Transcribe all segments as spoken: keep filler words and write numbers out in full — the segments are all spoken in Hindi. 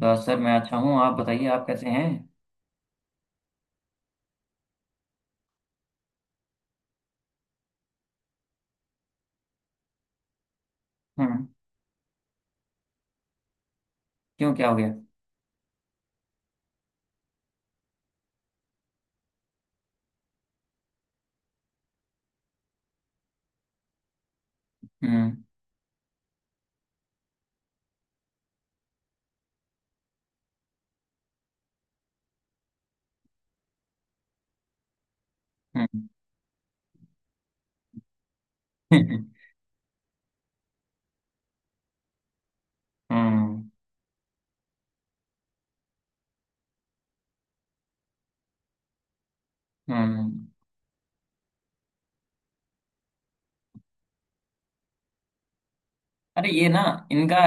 बस सर मैं अच्छा हूँ। आप बताइए आप कैसे हैं? हम्म। क्यों, क्या हो गया? हम्म। हम्म। हम्म। हम्म। अरे ये ना, इनका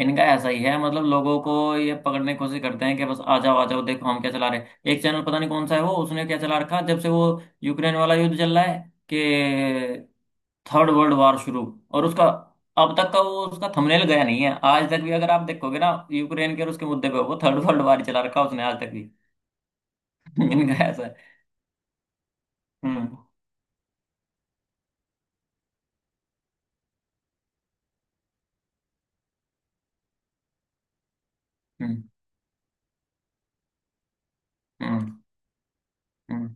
इनका ऐसा ही है। मतलब लोगों को ये पकड़ने की कोशिश करते हैं कि बस आ जाओ आ जाओ, देखो हम क्या चला रहे हैं। एक चैनल, पता नहीं कौन सा है वो, उसने क्या चला रखा। जब से वो यूक्रेन वाला युद्ध चल रहा है कि थर्ड वर्ल्ड वॉर शुरू, और उसका अब तक का वो, उसका थंबनेल गया नहीं है आज तक भी। अगर आप देखोगे ना यूक्रेन के और उसके मुद्दे पे, वो थर्ड वर्ल्ड वॉर चला रखा है उसने आज तक भी। इनका ऐसा है। हम्म। हम्म। हम्म। हम्म।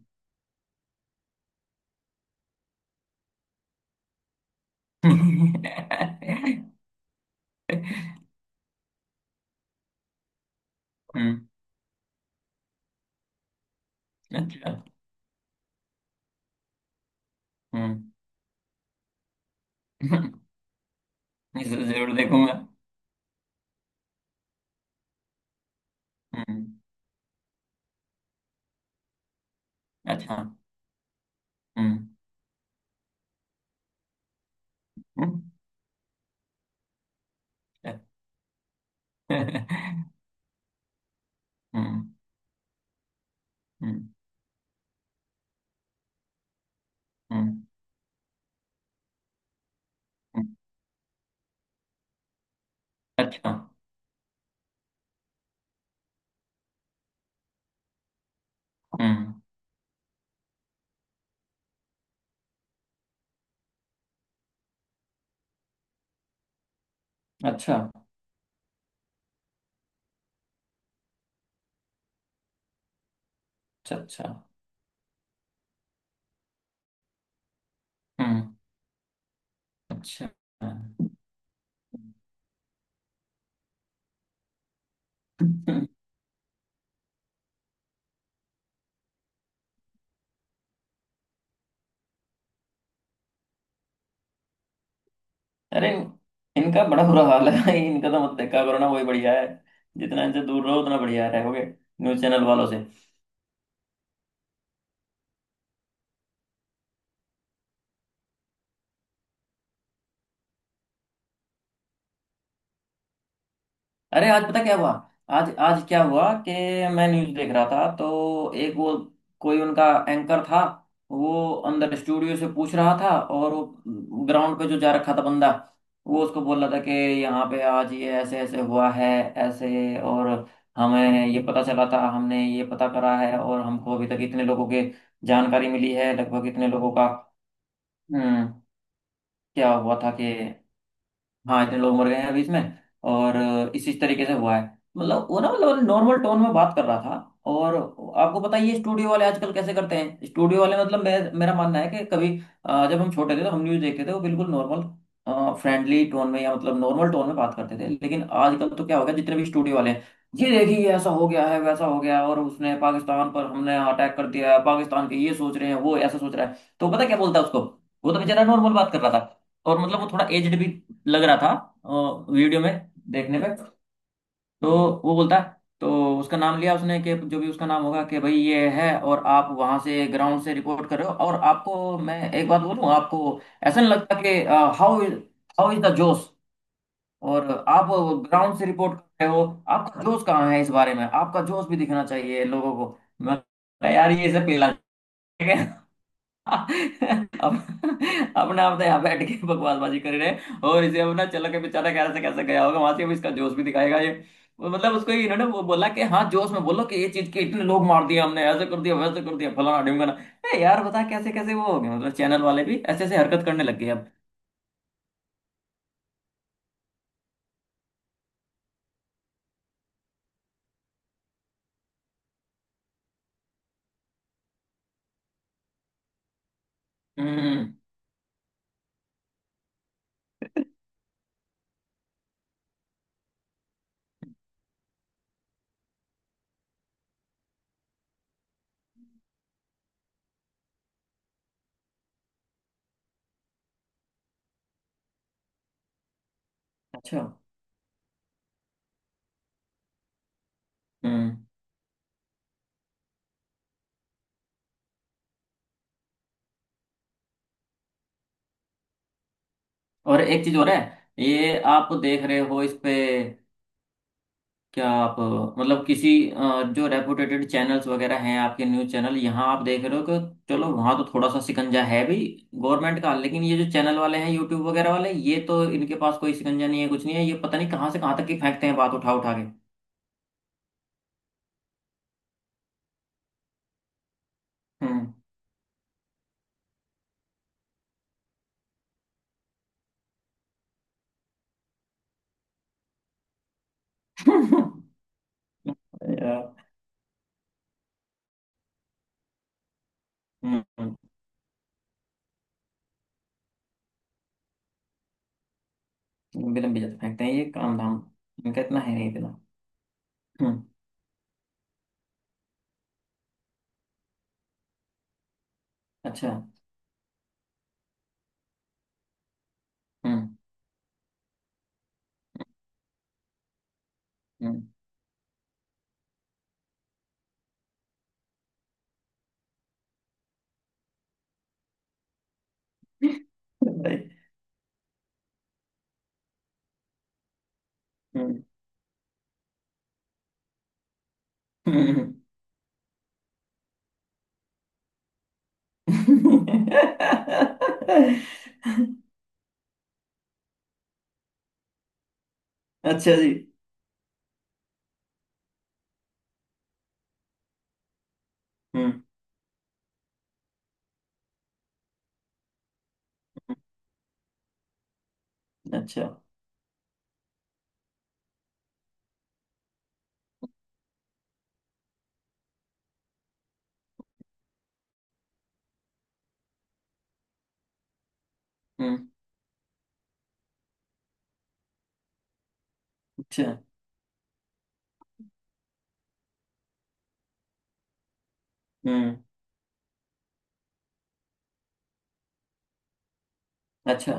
हम्म, अच्छा। हम्म। इसे जरूर देखूंगा। हम्म। अच्छा। हम्म। हम्म। हम्म। हम्म, हम्म, हम्म, अच्छा। हम्म। अच्छा, अच्छा। अच्छा। हम्म। अच्छा। अरे, इनका बड़ा बुरा हाल है भाई। इनका तो मत देखा करो ना, वही बढ़िया है। जितना इनसे दूर रहो उतना बढ़िया रहोगे, न्यूज चैनल वालों से। अरे आज पता क्या हुआ। आज आज क्या हुआ कि मैं न्यूज़ देख रहा था, तो एक वो कोई उनका एंकर था, वो अंदर स्टूडियो से पूछ रहा था, और वो ग्राउंड पे जो जा रखा था बंदा, वो उसको बोल रहा था कि यहाँ पे आज ये ऐसे ऐसे हुआ है, ऐसे और हमें ये पता चला था, हमने ये पता करा है, और हमको अभी तक इतने लोगों के जानकारी मिली है, लगभग इतने लोगों का। हम्म। क्या हुआ था कि हाँ, इतने लोग मर गए हैं अभी इसमें, और अ, इसी तरीके से हुआ है। मतलब वो ना, मतलब नॉर्मल टोन में बात कर रहा था। और आपको पता ही है ये स्टूडियो वाले आजकल कैसे करते हैं। स्टूडियो वाले, मतलब मैं, मेरा मानना है कि कभी, अ, जब हम छोटे थे तो हम न्यूज़ देखते थे, वो बिल्कुल नॉर्मल फ्रेंडली टोन में, या मतलब नॉर्मल टोन में बात करते थे। लेकिन आजकल तो क्या हो गया, जितने भी स्टूडियो वाले हैं, ये देखिए, ये ऐसा हो गया है, वैसा हो गया है, और उसने पाकिस्तान पर, हमने अटैक कर दिया है, पाकिस्तान के ये सोच रहे हैं, वो ऐसा सोच रहा है। तो पता क्या बोलता है उसको, वो तो बेचारा नॉर्मल बात कर रहा था, और मतलब वो थोड़ा एजड भी लग रहा था वीडियो में देखने पे। तो वो बोलता है, तो उसका नाम लिया उसने, कि जो भी उसका नाम होगा, कि भाई ये है, और आप वहां से ग्राउंड से रिपोर्ट कर रहे हो, और आपको मैं एक बात बोलूं, आपको ऐसा नहीं लगता कि how is how is the जोश, और आप ग्राउंड से रिपोर्ट कर रहे हो, आपका जोश कहाँ है? इस बारे में आपका जोश भी दिखना चाहिए लोगों को। मैं कहा, यार ये सब पीला। अब अपना अपने यहाँ बैठ के बकवासबाजी कर रहे हैं, और इसे अब ना, चलो के बेचारा कैसे कैसे गया होगा वहां से, अब इसका जोश भी दिखाएगा ये। वो मतलब उसको ये इन्होंने वो बोला कि हाँ जोश में बोलो, कि ये चीज के इतने लोग मार दिए हमने, ऐसे कर दिया, वैसे कर दिया, फलाना ढिमकाना। ए यार, बता कैसे कैसे वो हो गए। मतलब चैनल वाले भी ऐसे ऐसे हरकत करने लग गए अब। हम्म। अच्छा। हम्म। और एक चीज और है। ये आप देख रहे हो इस पे, क्या आप अ, मतलब किसी अ, जो रेपुटेटेड चैनल्स वगैरह हैं आपके न्यूज़ चैनल, यहाँ आप देख रहे हो कि चलो वहाँ तो थोड़ा सा शिकंजा है भी गवर्नमेंट का, लेकिन ये जो चैनल वाले हैं, यूट्यूब वगैरह वाले, ये तो इनके पास कोई शिकंजा नहीं है, कुछ नहीं है। ये पता नहीं कहाँ से कहाँ तक की फेंकते हैं बात उठा उठा के। हम्म। यार, हम्म, हम्म, बिलम्बी जाते फेंकते हैं ये काम धाम। इनका इतना है नहीं इतना। हम्म। अच्छा। हम्म। हम्म। हम्म, भाई, हम्म, हम्म, हम्म। अच्छा जी। हम्म। अच्छा। हम्म। अच्छा। हम्म। अच्छा,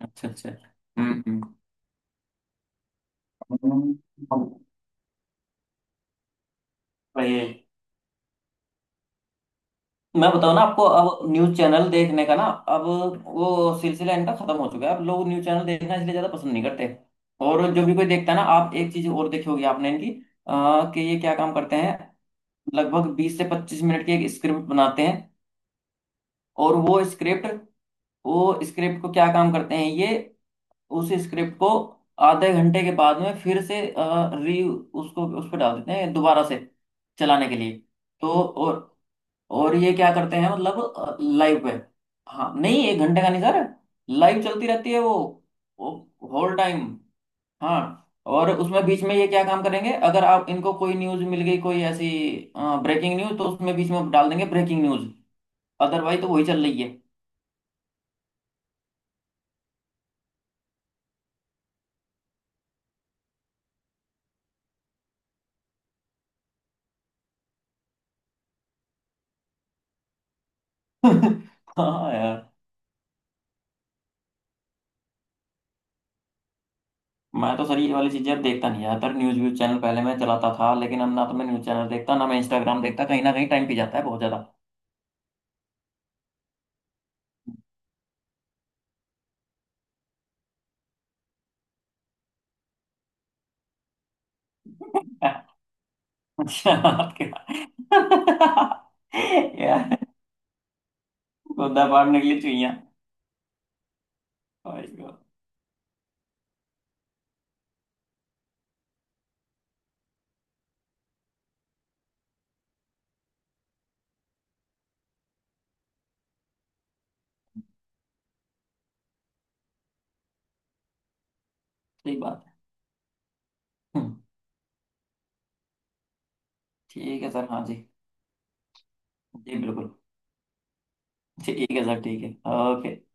अच्छा। अच्छा। हम्म। हम्म, हम्म, ये मैं बताऊँ ना आपको, अब न्यूज चैनल देखने का ना, अब वो सिलसिला इनका खत्म हो चुका है। अब लोग न्यूज चैनल देखना इसलिए ज्यादा पसंद नहीं करते। और जो भी कोई देखता है ना, आप एक चीज और देखी होगी आपने इनकी, अ, कि ये क्या काम करते हैं। लगभग बीस से पच्चीस मिनट की एक स्क्रिप्ट बनाते हैं, और वो स्क्रिप्ट, वो स्क्रिप्ट को क्या काम करते हैं ये, उस स्क्रिप्ट को आधे घंटे के बाद में फिर से री उसको, उस पर डाल देते हैं दोबारा से चलाने के लिए। तो और और ये क्या करते हैं, मतलब लाइव पे, हाँ नहीं एक घंटे का नहीं सर, लाइव चलती रहती है वो होल टाइम। हाँ, और उसमें बीच में ये क्या काम करेंगे, अगर आप इनको कोई न्यूज मिल गई कोई ऐसी ब्रेकिंग न्यूज, तो उसमें बीच में डाल देंगे ब्रेकिंग न्यूज। अदरवाइज तो वही चल रही है। हाँ यार, मैं तो सर ये वाली चीजें अब देखता नहीं ज्यादातर। न्यूज व्यूज चैनल पहले मैं चलाता था, लेकिन अब ना तो मैं न्यूज चैनल देखता, ना मैं इंस्टाग्राम देखता। कहीं ना कहीं टाइम पी जाता है बहुत ज्यादा। अच्छा आपके- यार, खुदा पार निकली चुईया। भाई साहब, सही बात है। हम्म, ठीक है सर। हाँ जी। जी बिल्कुल। ठीक है सर। ठीक है, ओके।